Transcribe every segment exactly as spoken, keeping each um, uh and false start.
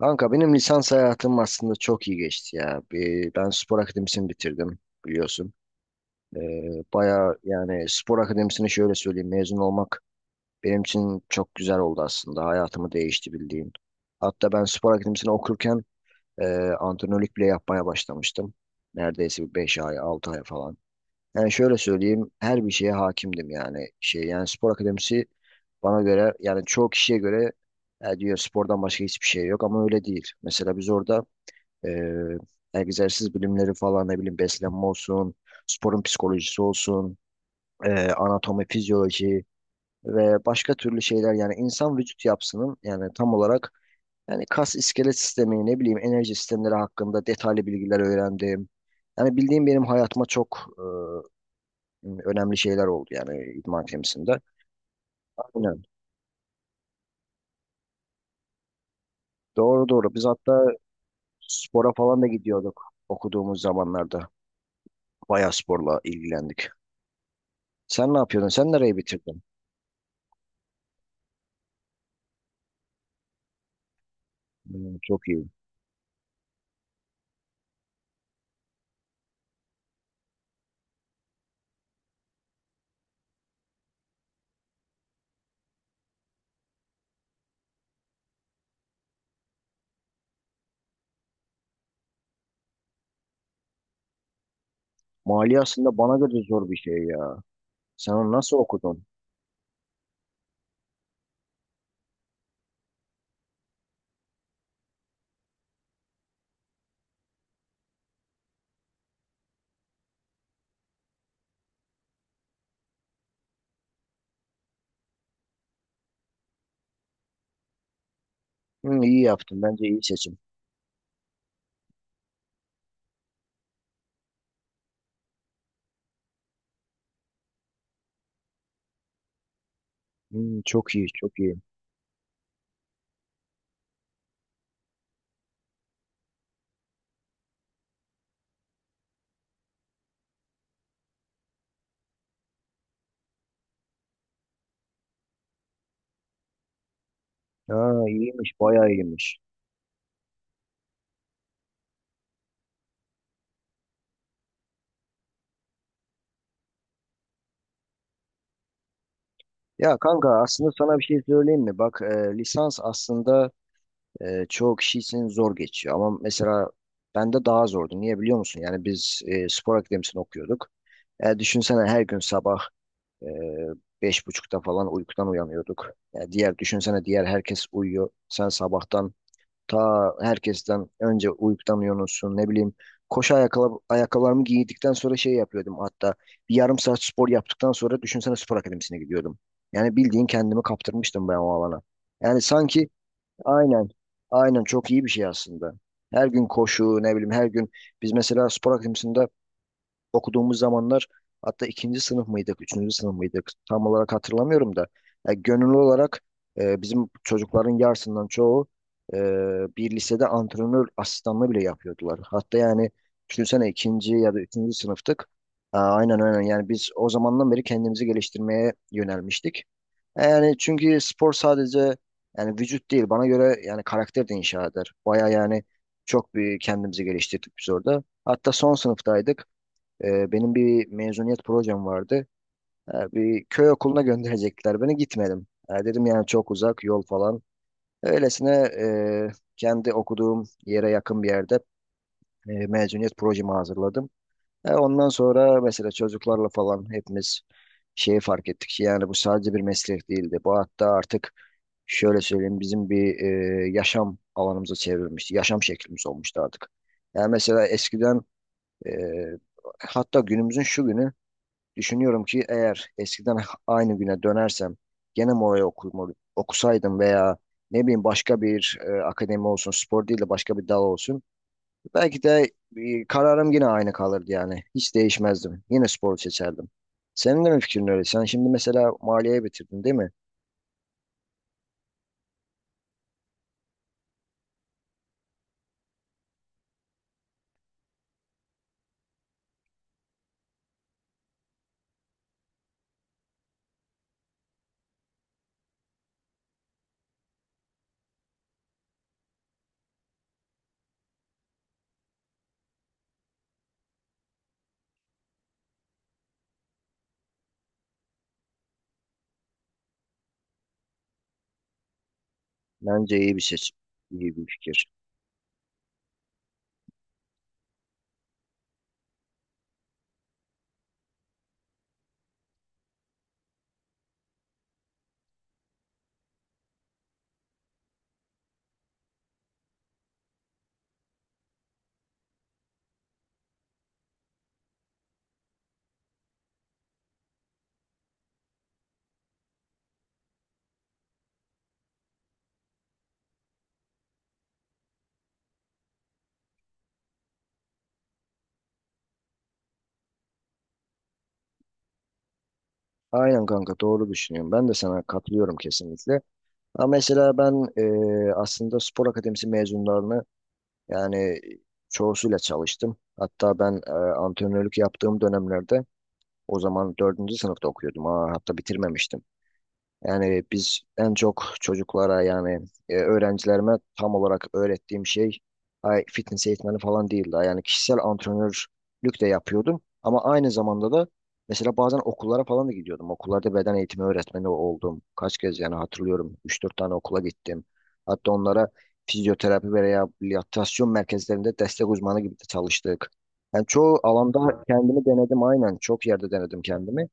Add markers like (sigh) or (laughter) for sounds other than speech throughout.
Kanka benim lisans hayatım aslında çok iyi geçti ya. Bir- Ben spor akademisini bitirdim biliyorsun. Ee, bayağı yani spor akademisini şöyle söyleyeyim mezun olmak benim için çok güzel oldu aslında. Hayatımı değişti bildiğin. Hatta ben spor akademisini okurken e, antrenörlük bile yapmaya başlamıştım. Neredeyse bir beş ay altı ay falan. Yani şöyle söyleyeyim her bir şeye hakimdim yani. Şey, yani spor akademisi bana göre yani çoğu kişiye göre "Ya," diyor spordan başka hiçbir şey yok ama öyle değil. Mesela biz orada ee, egzersiz bilimleri falan ne bileyim beslenme olsun, sporun psikolojisi olsun, e, anatomi, fizyoloji ve başka türlü şeyler yani insan vücut yapısının yani tam olarak yani kas iskelet sistemi ne bileyim enerji sistemleri hakkında detaylı bilgiler öğrendim. Yani bildiğim benim hayatıma çok e, önemli şeyler oldu yani idman temsilinde. Aynen. Doğru doğru. Biz hatta spora falan da gidiyorduk okuduğumuz zamanlarda. Bayağı sporla ilgilendik. Sen ne yapıyordun? Sen nereyi bitirdin? Hmm, çok iyi. Mali aslında bana göre zor bir şey ya. Sen onu nasıl okudun? Hmm, iyi yaptın. Bence iyi seçim. Hmm, çok iyi, çok iyi. Ha, iyiymiş, bayağı iyiymiş. Ya kanka aslında sana bir şey söyleyeyim mi? Bak e, lisans aslında e, çoğu kişi için zor geçiyor. Ama mesela bende daha zordu. Niye biliyor musun? Yani biz e, spor akademisini okuyorduk. E, düşünsene her gün sabah e, beş buçukta falan uykudan uyanıyorduk. Ya diğer düşünsene diğer herkes uyuyor. Sen sabahtan ta herkesten önce uykudan uyanıyorsun, ne bileyim. Koşu ayakkabı, ayakkabılarımı giydikten sonra şey yapıyordum hatta. Bir yarım saat spor yaptıktan sonra düşünsene spor akademisine gidiyordum. Yani bildiğin kendimi kaptırmıştım ben o alana. Yani sanki aynen, aynen, çok iyi bir şey aslında. Her gün koşu ne bileyim, her gün biz mesela spor akademisinde okuduğumuz zamanlar hatta ikinci sınıf mıydık, üçüncü sınıf mıydık tam olarak hatırlamıyorum da ya gönüllü olarak e, bizim çocukların yarısından çoğu e, bir lisede antrenör asistanlığı bile yapıyordular. Hatta yani düşünsene ikinci ya da üçüncü sınıftık. Aa, aynen aynen, yani biz o zamandan beri kendimizi geliştirmeye yönelmiştik. E, Yani çünkü spor sadece yani vücut değil bana göre yani karakter de inşa eder. Baya yani çok bir kendimizi geliştirdik biz orada. Hatta son sınıftaydık. Ee, benim bir mezuniyet projem vardı. Ee, bir köy okuluna gönderecekler beni gitmedim. Ee, dedim yani çok uzak yol falan. Öylesine e, kendi okuduğum yere yakın bir yerde e, mezuniyet projemi hazırladım. Ee, ondan sonra mesela çocuklarla falan hepimiz şeyi fark ettik ki yani bu sadece bir meslek değildi. Bu hatta artık şöyle söyleyeyim bizim bir e, yaşam alanımıza çevrilmişti. Yaşam şeklimiz olmuştu artık. Yani mesela eskiden e, hatta günümüzün şu günü düşünüyorum ki eğer eskiden (laughs) aynı güne dönersem gene Mora'yı okum, okusaydım veya ne bileyim başka bir e, akademi olsun, spor değil de başka bir dal olsun. Belki de e, kararım yine aynı kalırdı yani. Hiç değişmezdim. Yine spor seçerdim. Senin de mi fikrin öyle? Sen şimdi mesela maliye bitirdin değil mi? Bence iyi bir seç, iyi bir fikir. Aynen kanka, doğru düşünüyorum. Ben de sana katılıyorum kesinlikle. Ama mesela ben e, aslında spor akademisi mezunlarını, Yani e, çoğusuyla çalıştım. Hatta ben e, antrenörlük yaptığım dönemlerde o zaman dördüncü sınıfta okuyordum. Aa, hatta bitirmemiştim. Yani biz en çok çocuklara yani e, öğrencilerime tam olarak öğrettiğim şey, ay, fitness eğitmeni falan değildi. Yani kişisel antrenörlük de yapıyordum. Ama aynı zamanda da mesela bazen okullara falan da gidiyordum. Okullarda beden eğitimi öğretmeni oldum. Kaç kez yani hatırlıyorum. Üç dört tane okula gittim. Hatta onlara fizyoterapi ve rehabilitasyon merkezlerinde destek uzmanı gibi de çalıştık. Yani çoğu alanda kendimi denedim aynen. Çok yerde denedim kendimi.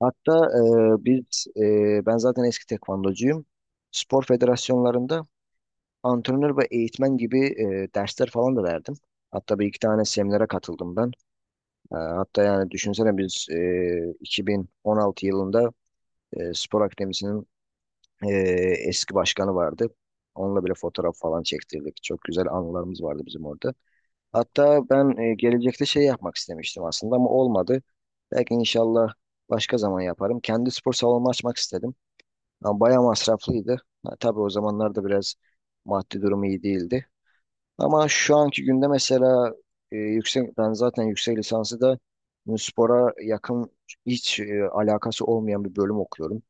Hatta e, biz e, ben zaten eski tekvandocuyum. Spor federasyonlarında antrenör ve eğitmen gibi e, dersler falan da verdim. Hatta bir iki tane seminere katıldım ben. E, hatta yani düşünsene biz e, iki bin on altı yılında e, spor akademisinin e, eski başkanı vardı. Onunla bile fotoğraf falan çektirdik. Çok güzel anılarımız vardı bizim orada. Hatta ben e, gelecekte şey yapmak istemiştim aslında ama olmadı. Belki inşallah başka zaman yaparım. Kendi spor salonumu açmak istedim. Ama bayağı masraflıydı. Ha, tabii o zamanlarda biraz maddi durumu iyi değildi. Ama şu anki günde mesela e, yüksek ben zaten yüksek lisansı da spora yakın hiç e, alakası olmayan bir bölüm okuyorum.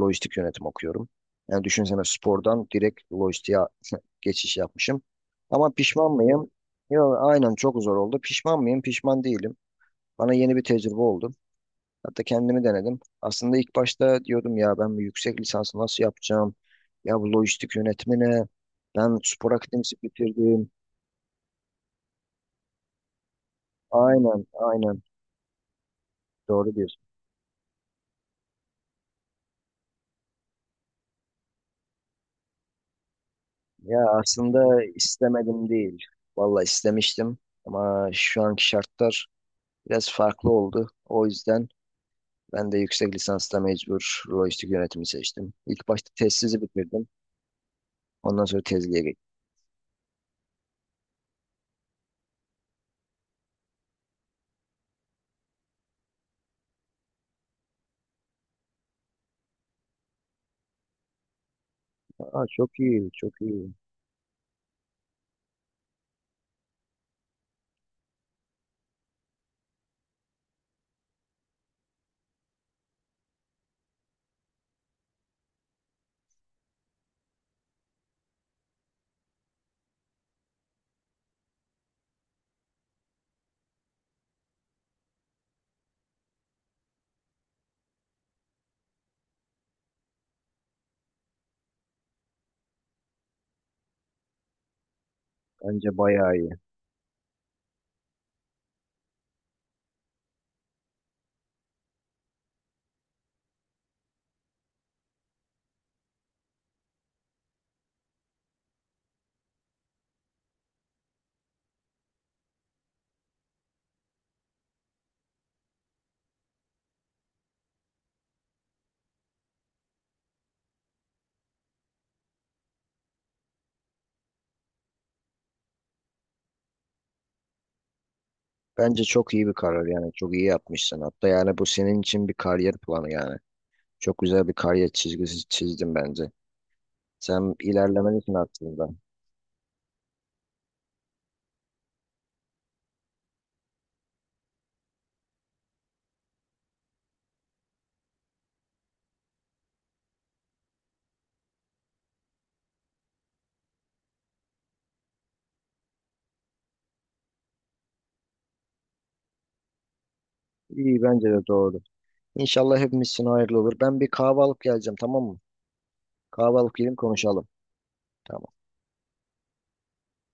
Lojistik yönetim okuyorum. Yani düşünsene spordan direkt lojistiğe (laughs) geçiş yapmışım. Ama pişman mıyım? Yok, aynen, çok zor oldu. Pişman mıyım? Pişman değilim. Bana yeni bir tecrübe oldu. Hatta kendimi denedim. Aslında ilk başta diyordum ya, ben bu yüksek lisansı nasıl yapacağım? Ya bu lojistik yönetimi ne? Ben spor akademisi bitirdim. Aynen, aynen. Doğru diyorsun. Ya aslında istemedim değil. Vallahi istemiştim ama şu anki şartlar biraz farklı oldu. O yüzden ben de yüksek lisansta mecbur lojistik yönetimi seçtim. İlk başta tezsizi bitirdim. Ondan sonra tezliğe geçtim. Aa, çok iyi, çok iyi. Bence bayağı iyi. Bence çok iyi bir karar. Yani çok iyi yapmışsın. Hatta yani bu senin için bir kariyer planı. Yani çok güzel bir kariyer çizgisi çizdin bence, sen ilerlemen için aslında iyi. Bence de doğru. İnşallah hepimiz için hayırlı olur. Ben bir kahve alıp geleceğim, tamam mı? Kahve alıp gelin, konuşalım. Tamam.